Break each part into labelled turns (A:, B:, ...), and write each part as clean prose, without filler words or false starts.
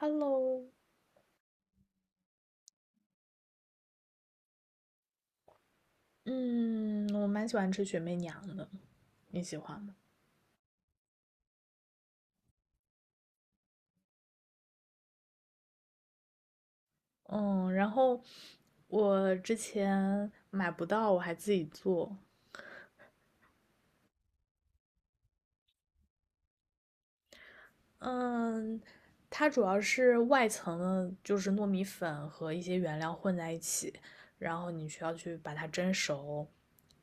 A: Hello。嗯，我蛮喜欢吃雪媚娘的，你喜欢吗？嗯，然后我之前买不到，我还自己做。嗯，它主要是外层的，就是糯米粉和一些原料混在一起，然后你需要去把它蒸熟，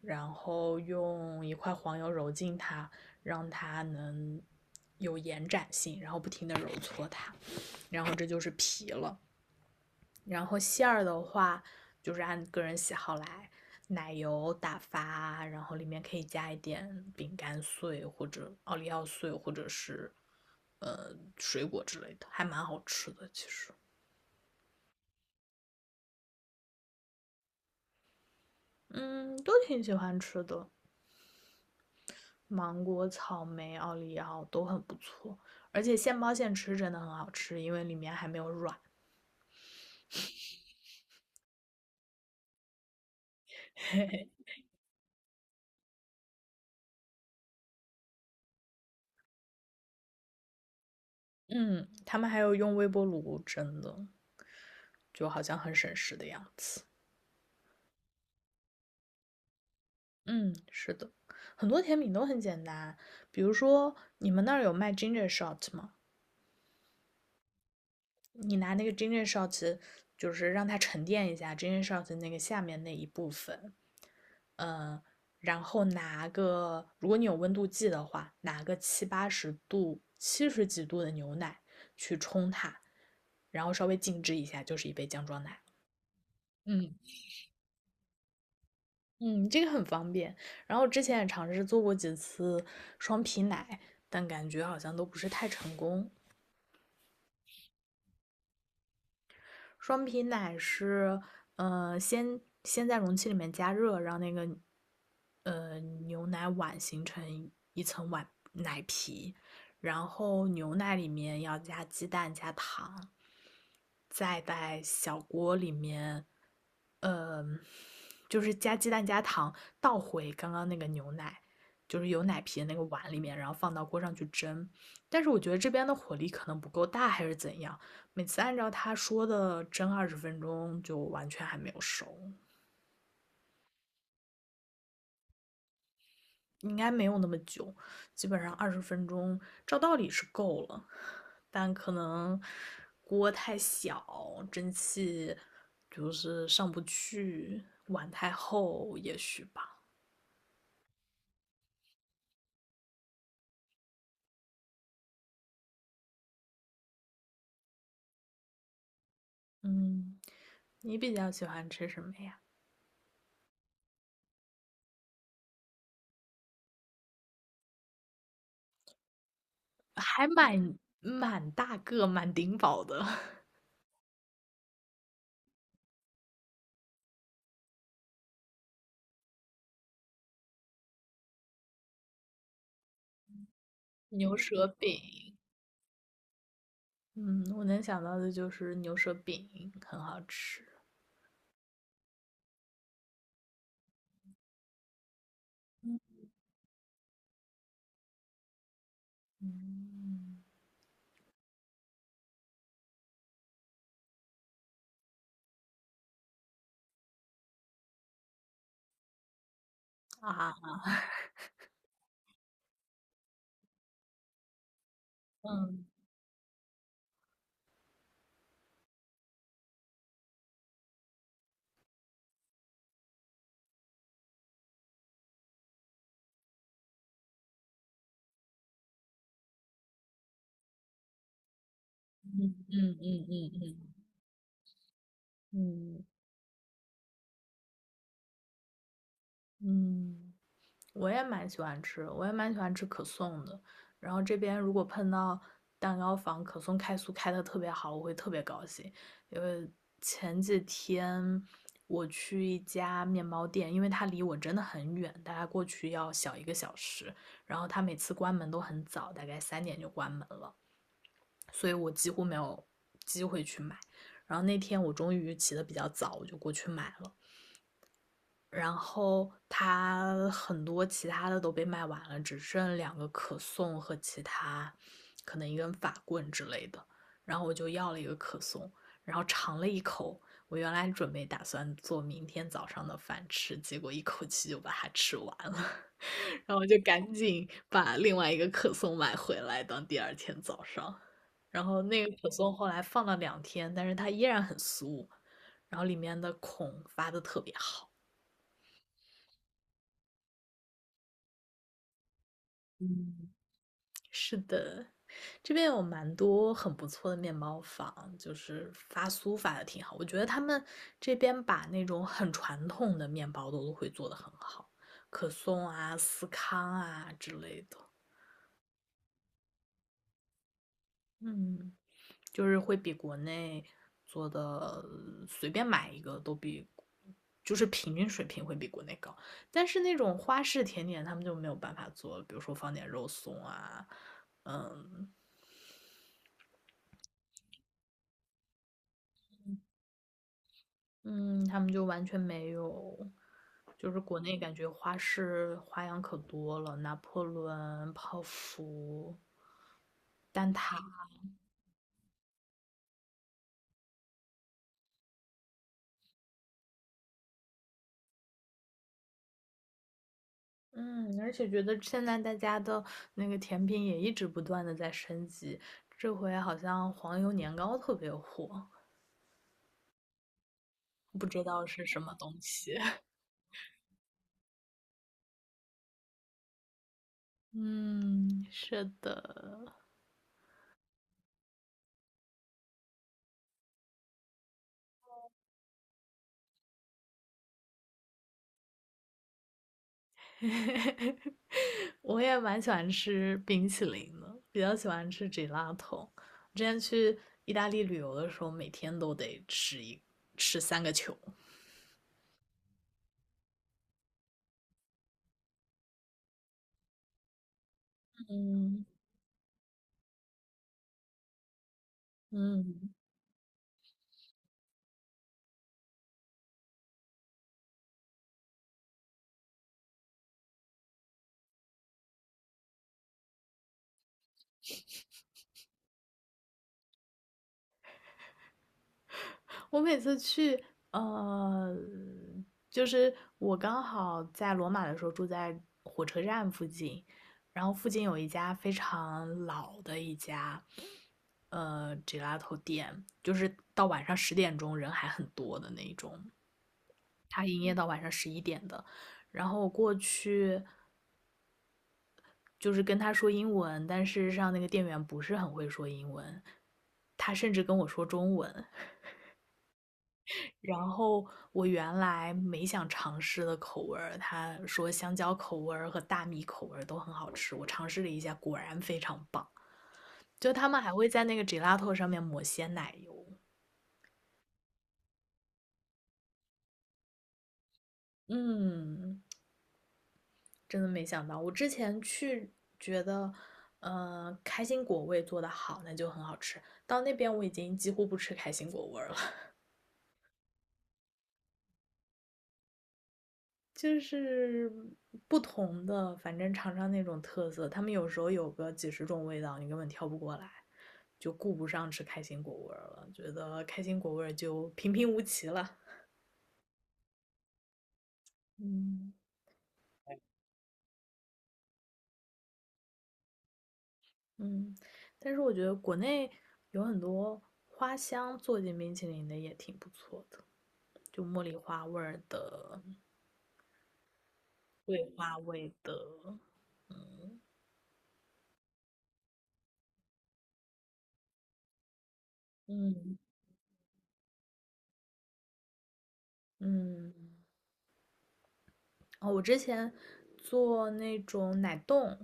A: 然后用一块黄油揉进它，让它能有延展性，然后不停的揉搓它，然后这就是皮了。然后馅儿的话，就是按个人喜好来，奶油打发，然后里面可以加一点饼干碎或者奥利奥碎，或者是呃水果之类的，还蛮好吃的。其实，嗯，都挺喜欢吃的，芒果、草莓、奥利奥都很不错，而且现包现吃真的很好吃，因为里面还没有软。嗯，他们还有用微波炉蒸的，就好像很省事的样子。嗯，是的，很多甜品都很简单。比如说，你们那儿有卖 ginger shot 吗？你拿那个 ginger shot，就是让它沉淀一下 ginger shot 那个下面那一部分，嗯，然后拿个，如果你有温度计的话，拿个七八十度、七十几度的牛奶去冲它，然后稍微静置一下，就是一杯姜撞奶。嗯。嗯，这个很方便。然后之前也尝试做过几次双皮奶，但感觉好像都不是太成功。双皮奶是，先在容器里面加热，让那个牛奶碗形成一层碗奶皮，然后牛奶里面要加鸡蛋、加糖，再在小锅里面，嗯、就是加鸡蛋、加糖，倒回刚刚那个牛奶，就是有奶皮的那个碗里面，然后放到锅上去蒸。但是我觉得这边的火力可能不够大，还是怎样。每次按照他说的蒸二十分钟，就完全还没有熟，应该没有那么久，基本上二十分钟照道理是够了，但可能锅太小，蒸汽就是上不去，碗太厚，也许吧。嗯，你比较喜欢吃什么呀？还蛮大个、蛮顶饱的 牛舌饼。嗯，我能想到的就是牛舌饼很好吃。嗯，啊，嗯嗯嗯嗯嗯嗯嗯，嗯我也蛮喜欢吃，我也蛮喜欢吃可颂的。然后这边如果碰到蛋糕房可颂开酥开的特别好，我会特别高兴。因为前几天我去一家面包店，因为它离我真的很远，大概过去要小一个小时。然后它每次关门都很早，大概3点就关门了。所以我几乎没有机会去买。然后那天我终于起得比较早，我就过去买了。然后它很多其他的都被卖完了，只剩两个可颂和其他可能一根法棍之类的。然后我就要了一个可颂，然后尝了一口。我原来准备打算做明天早上的饭吃，结果一口气就把它吃完了。然后就赶紧把另外一个可颂买回来当第二天早上。然后那个可颂后来放了2天，但是它依然很酥，然后里面的孔发的特别好。嗯，是的，这边有蛮多很不错的面包坊，就是发酥发的挺好。我觉得他们这边把那种很传统的面包都会做的很好，可颂啊、司康啊之类的。嗯。就是会比国内做的随便买一个都比，就是平均水平会比国内高。但是那种花式甜点他们就没有办法做了，比如说放点肉松啊，嗯嗯，他们就完全没有。就是国内感觉花式花样可多了，拿破仑、泡芙、蛋挞。嗯，而且觉得现在大家的那个甜品也一直不断的在升级，这回好像黄油年糕特别火，不知道是什么东西。嗯，是的，我也蛮喜欢吃冰淇淋的，比较喜欢吃 gelato。之前去意大利旅游的时候，每天都得吃三个球。嗯嗯，我每次去，呃，就是我刚好在罗马的时候住在火车站附近，然后附近有一家非常老的一家，gelato 店，就是到晚上10点钟人还很多的那一种，它营业到晚上11点的。然后我过去就是跟他说英文，但事实上那个店员不是很会说英文，他甚至跟我说中文，然后我原来没想尝试的口味儿，他说香蕉口味儿和大米口味儿都很好吃，我尝试了一下，果然非常棒。就他们还会在那个 gelato 上面抹些奶油，嗯，真的没想到，我之前去觉得，开心果味做的好，那就很好吃。到那边我已经几乎不吃开心果味儿了，就是不同的，反正尝尝那种特色，他们有时候有个几十种味道，你根本挑不过来，就顾不上吃开心果味儿了，觉得开心果味儿就平平无奇了。嗯，嗯，但是我觉得国内有很多花香做进冰淇淋的也挺不错的，就茉莉花味儿的、桂花味的，嗯嗯，哦，我之前做那种奶冻，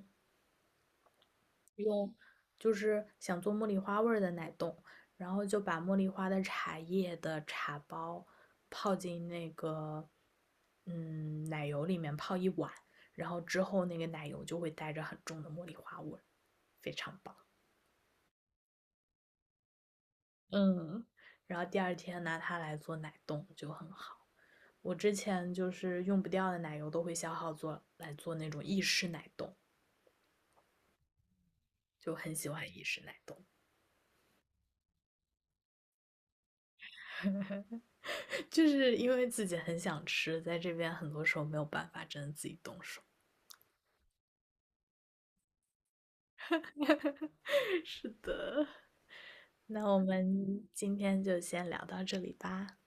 A: 用就是想做茉莉花味儿的奶冻，然后就把茉莉花的茶叶的茶包泡进那个奶油里面泡一晚，然后之后那个奶油就会带着很重的茉莉花味儿，非常棒。嗯，然后第二天拿它来做奶冻就很好。我之前就是用不掉的奶油都会消耗做来做那种意式奶冻，就很喜欢意式奶冻。就是因为自己很想吃，在这边很多时候没有办法真的自己动手。是的，那我们今天就先聊到这里吧。